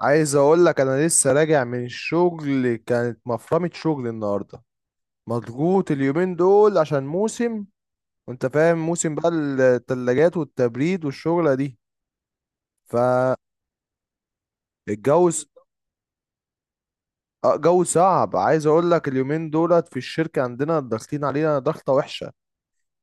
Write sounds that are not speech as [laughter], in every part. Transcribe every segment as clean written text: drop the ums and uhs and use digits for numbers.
عايز اقول لك انا لسه راجع من الشغل، كانت مفرمة شغل النهارده. مضغوط اليومين دول عشان موسم، وانت فاهم موسم بقى التلاجات والتبريد والشغلة دي. فالجو جو صعب. عايز اقول لك اليومين دولت في الشركة عندنا ضاغطين علينا ضغطة وحشة،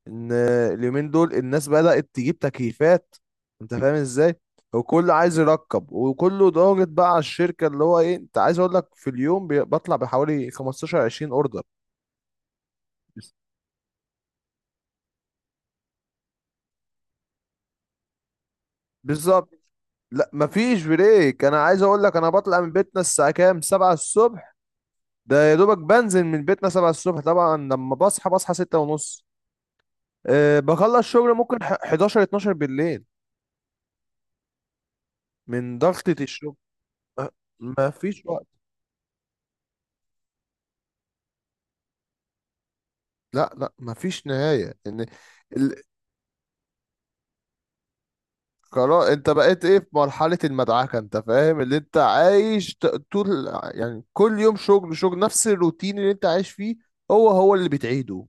ان اليومين دول الناس بدأت تجيب تكييفات. انت فاهم ازاي، وكل عايز يركب وكله ضاغط بقى على الشركة اللي هو ايه. انت عايز اقول لك في اليوم بطلع بحوالي 15 20 اوردر. بس- بالظبط، لا مفيش بريك. انا عايز اقول لك انا بطلع من بيتنا الساعه كام؟ 7 الصبح. ده يا دوبك بنزل من بيتنا 7 الصبح، طبعا لما بصحى بصحى 6 ونص. بخلص شغل ممكن 11 12 بالليل من ضغطة الشغل. أه، مفيش وقت. لا لا مفيش نهاية، ان ال- خلاص انت بقيت ايه في مرحلة المدعكة. انت فاهم اللي انت عايش طول، يعني كل يوم شغل شغل نفس الروتين اللي انت عايش فيه هو هو اللي بتعيده.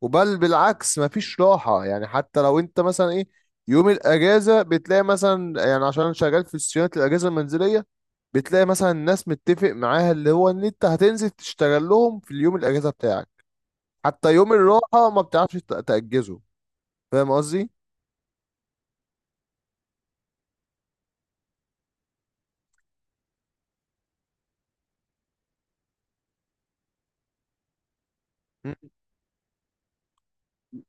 وبل بالعكس مفيش راحة، يعني حتى لو انت مثلا ايه يوم الاجازة بتلاقي مثلا، يعني عشان انا شغال في صيانة الاجهزة المنزلية، بتلاقي مثلا الناس متفق معاها اللي هو ان انت هتنزل تشتغل لهم في اليوم الاجازة بتاعك. حتى يوم الراحة ما بتعرفش تأجزه. فاهم قصدي؟ م-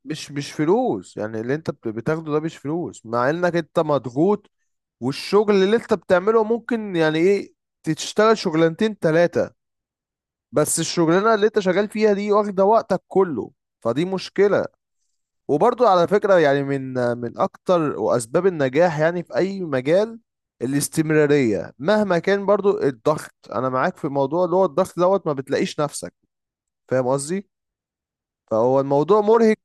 مش فلوس، يعني اللي انت بتاخده ده مش فلوس مع انك انت مضغوط. والشغل اللي انت بتعمله ممكن يعني ايه تشتغل شغلانتين تلاتة، بس الشغلانه اللي انت شغال فيها دي واخده وقتك كله. فدي مشكله. وبرضو على فكره، يعني من اكتر واسباب النجاح يعني في اي مجال الاستمراريه. مهما كان برضو الضغط، انا معاك في موضوع اللي هو الضغط دوت ما بتلاقيش نفسك. فاهم قصدي. فهو الموضوع مرهق.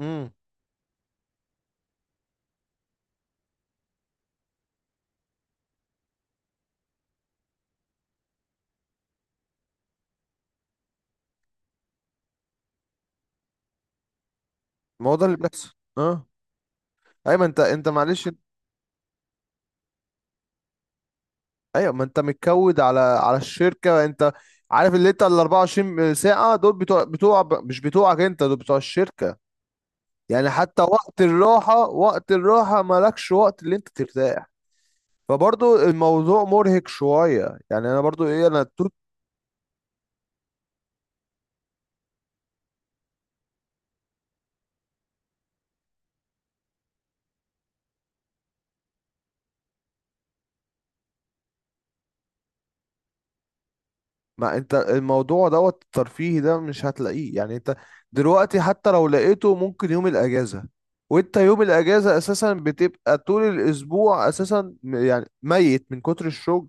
امم الموضوع اللي بيحصل اه. ايوه ما انت معلش. ايوه ما انت متكود على الشركه انت. عارف اللي انت ال 24 ساعه دول بتوع بتوع مش بتوعك انت، دول بتوع الشركه. يعني حتى وقت الراحة، وقت الراحة مالكش وقت اللي انت ترتاح. فبرضو الموضوع مرهق شوية، يعني انا برضو ايه انا توت. ما انت الموضوع دوت الترفيهي ده مش هتلاقيه، يعني انت دلوقتي حتى لو لقيته ممكن يوم الاجازة. وانت يوم الاجازة اساسا بتبقى طول الاسبوع اساسا يعني ميت من كتر الشغل.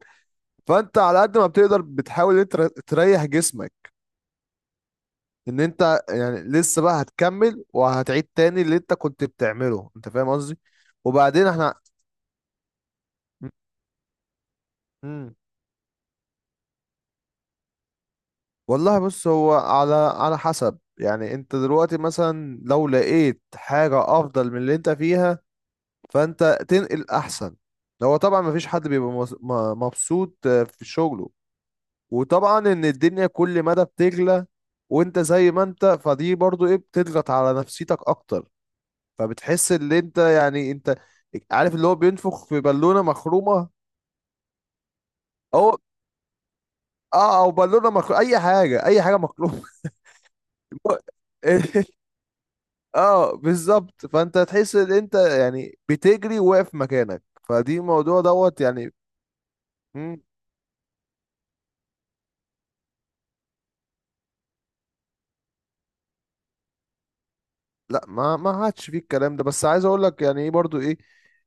فانت على قد ما بتقدر بتحاول انت تريح جسمك، ان انت يعني لسه بقى هتكمل وهتعيد تاني اللي انت كنت بتعمله. انت فاهم قصدي. وبعدين احنا. مم. والله بص، هو على حسب. يعني انت دلوقتي مثلا لو لقيت حاجة افضل من اللي انت فيها فانت تنقل احسن. هو طبعا مفيش حد بيبقى مبسوط في شغله. وطبعا ان الدنيا كل مدى بتغلى، وانت زي ما انت فدي برضو ايه بتضغط على نفسيتك اكتر. فبتحس ان انت يعني انت عارف اللي هو بينفخ في بالونه مخرومه. او اه، او بالونه مخرومه، اي حاجه اي حاجه مخرومه. [laughs] اه بالظبط، فانت تحس ان انت يعني بتجري واقف مكانك. فدي موضوع دوت يعني. مم، لا ما عادش فيه الكلام ده. بس عايز اقول لك يعني ايه برضو ايه،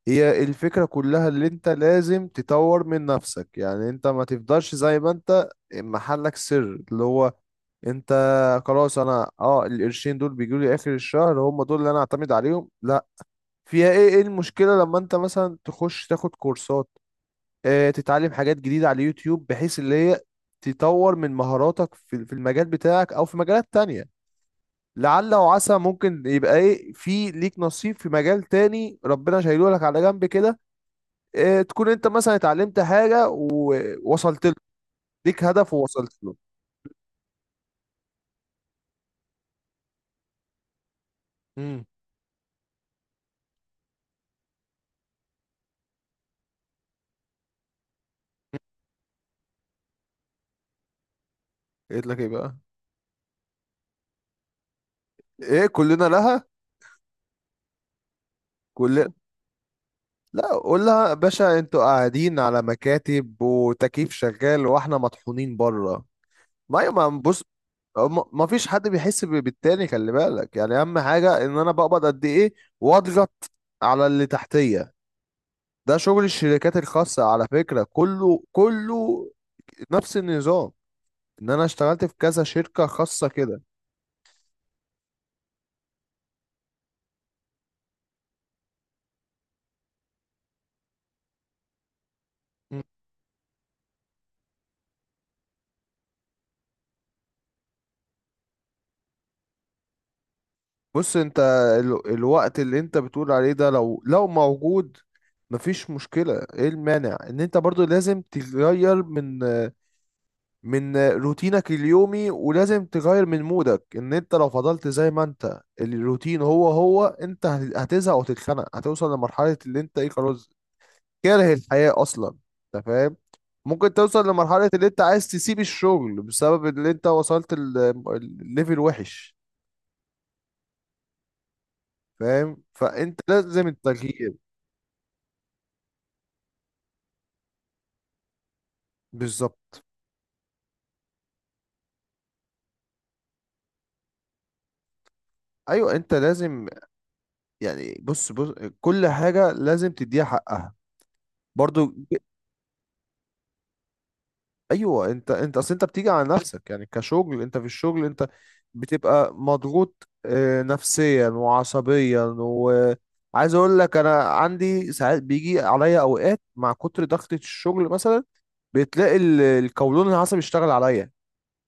هي الفكرة كلها اللي انت لازم تطور من نفسك. يعني انت ما تفضلش زي ما انت محلك سر. اللي هو انت خلاص انا اه القرشين دول بيجوا لي اخر الشهر هم دول اللي انا اعتمد عليهم، لا. فيها ايه؟ ايه المشكله لما انت مثلا تخش تاخد كورسات؟ اه تتعلم حاجات جديده على اليوتيوب بحيث اللي هي تطور من مهاراتك في المجال بتاعك او في مجالات تانية. لعل وعسى ممكن يبقى ايه في ليك نصيب في مجال تاني ربنا شايله لك على جنب كده. اه تكون انت مثلا اتعلمت حاجه ووصلت له، ليك هدف ووصلت له. امم قلت لك ايه بقى؟ ايه كلنا لها؟ كلنا. لا قول لها يا باشا انتوا قاعدين على مكاتب وتكييف شغال واحنا مطحونين بره. ما ما بص، ما فيش حد بيحس بالتاني. خلي بالك، يعني اهم حاجة ان انا بقبض قد ايه واضغط على اللي تحتية. ده شغل الشركات الخاصة على فكرة، كله كله نفس النظام. ان انا اشتغلت في كذا شركة خاصة كده. بص انت الوقت اللي انت بتقول عليه ده لو موجود مفيش مشكلة. ايه المانع ان انت برضو لازم تغير من روتينك اليومي، ولازم تغير من مودك. ان انت لو فضلت زي ما انت الروتين هو هو انت هتزهق وتتخنق. هتوصل لمرحلة اللي انت ايه خلاص كاره الحياة اصلا. انت فاهم. ممكن توصل لمرحلة اللي انت عايز تسيب الشغل بسبب اللي انت وصلت الليفل وحش. فاهم، فانت لازم التغيير. بالظبط، ايوه انت لازم. يعني بص بص، كل حاجه لازم تديها حقها برضو. ج- ايوه انت اصل انت بتيجي على نفسك. يعني كشغل، انت في الشغل انت بتبقى مضغوط نفسيا وعصبيا. وعايز اقول لك انا عندي ساعات بيجي عليا اوقات مع كتر ضغطة الشغل، مثلا بتلاقي القولون العصبي اشتغل عليا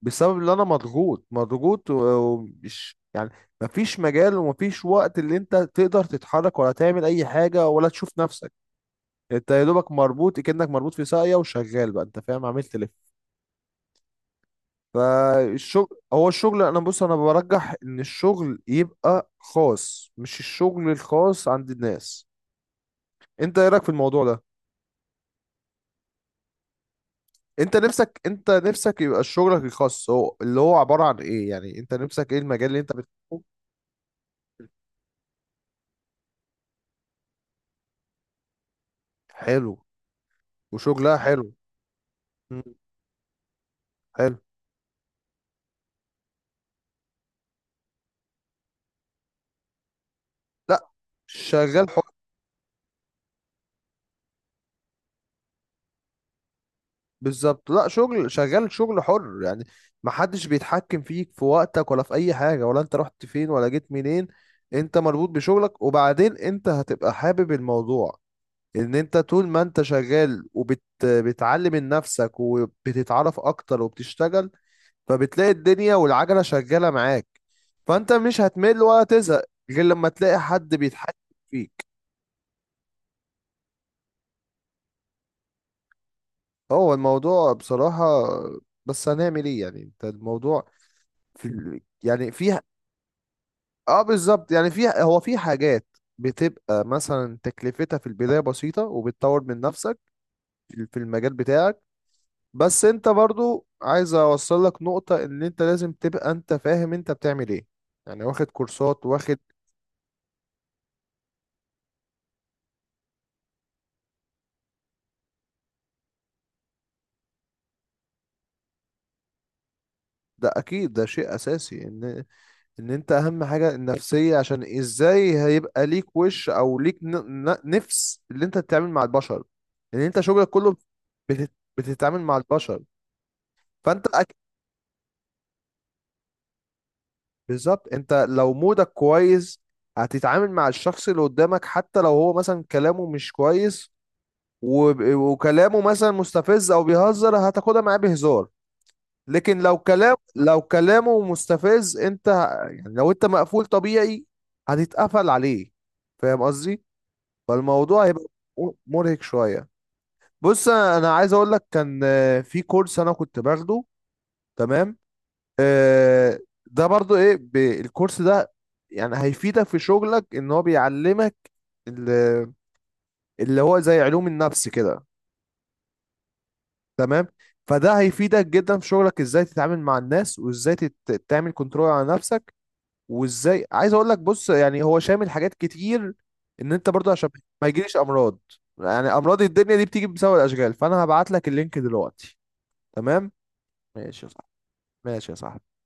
بسبب اللي انا مضغوط مضغوط ومش يعني. مفيش مجال ومفيش وقت اللي انت تقدر تتحرك، ولا تعمل اي حاجة، ولا تشوف نفسك. انت يا دوبك مربوط كأنك مربوط في ساقية وشغال بقى، انت فاهم، عمال تلف. فالشغل هو الشغل، انا بص انا برجح ان الشغل يبقى خاص مش الشغل الخاص عند الناس. انت ايه رايك في الموضوع ده؟ انت نفسك، انت نفسك يبقى شغلك الخاص. هو اللي هو عبارة عن ايه يعني انت نفسك ايه المجال اللي انت بتحبه. حلو وشغلها حلو. حلو. لا شغال حر. بالظبط، لا شغل، شغال شغل حر يعني. محدش بيتحكم فيك في وقتك ولا في اي حاجة، ولا انت رحت فين ولا جيت منين. انت مربوط بشغلك، وبعدين انت هتبقى حابب الموضوع. ان انت طول ما انت شغال وبتعلم من نفسك وبتتعرف اكتر وبتشتغل، فبتلاقي الدنيا والعجلة شغالة معاك. فانت مش هتمل ولا تزهق غير لما تلاقي حد بيتحكم فيك. هو الموضوع بصراحة، بس هنعمل ايه يعني. انت الموضوع في يعني فيها. اه بالظبط يعني فيها. هو في حاجات بتبقى مثلا تكلفتها في البداية بسيطة، وبتطور من نفسك في المجال بتاعك. بس انت برضو عايز اوصل لك نقطة ان انت لازم تبقى انت فاهم انت بتعمل ايه. يعني واخد كورسات واخد. ده اكيد ده شيء اساسي، ان ان انت اهم حاجة النفسية. عشان ازاي هيبقى ليك وش او ليك نفس اللي انت تتعامل مع البشر. ان انت شغلك كله بتت- بتتعامل مع البشر. فانت بالظبط، انت لو مودك كويس هتتعامل مع الشخص اللي قدامك حتى لو هو مثلا كلامه مش كويس. وكلامه مثلا مستفز او بيهزر هتاخدها معاه بهزار. لكن لو كلام لو كلامه مستفز انت يعني لو انت مقفول طبيعي هتتقفل عليه. فاهم قصدي. فالموضوع هيبقى مرهق شوية. بص انا أنا عايز اقول لك كان في كورس انا كنت باخده. تمام. آه، ده برضو ايه الكورس ده يعني هيفيدك في شغلك ان هو بيعلمك ال- اللي هو زي علوم النفس كده. تمام. فده هيفيدك جدا في شغلك ازاي تتعامل مع الناس، وازاي تعمل كنترول على نفسك. وازاي عايز اقول لك بص يعني هو شامل حاجات كتير، ان انت برضه عشان ما يجيليش امراض. يعني امراض الدنيا دي بتيجي بسبب الاشغال. فانا هبعت لك اللينك دلوقتي. تمام. ماشي يا صاحبي. ماشي يا صاحبي.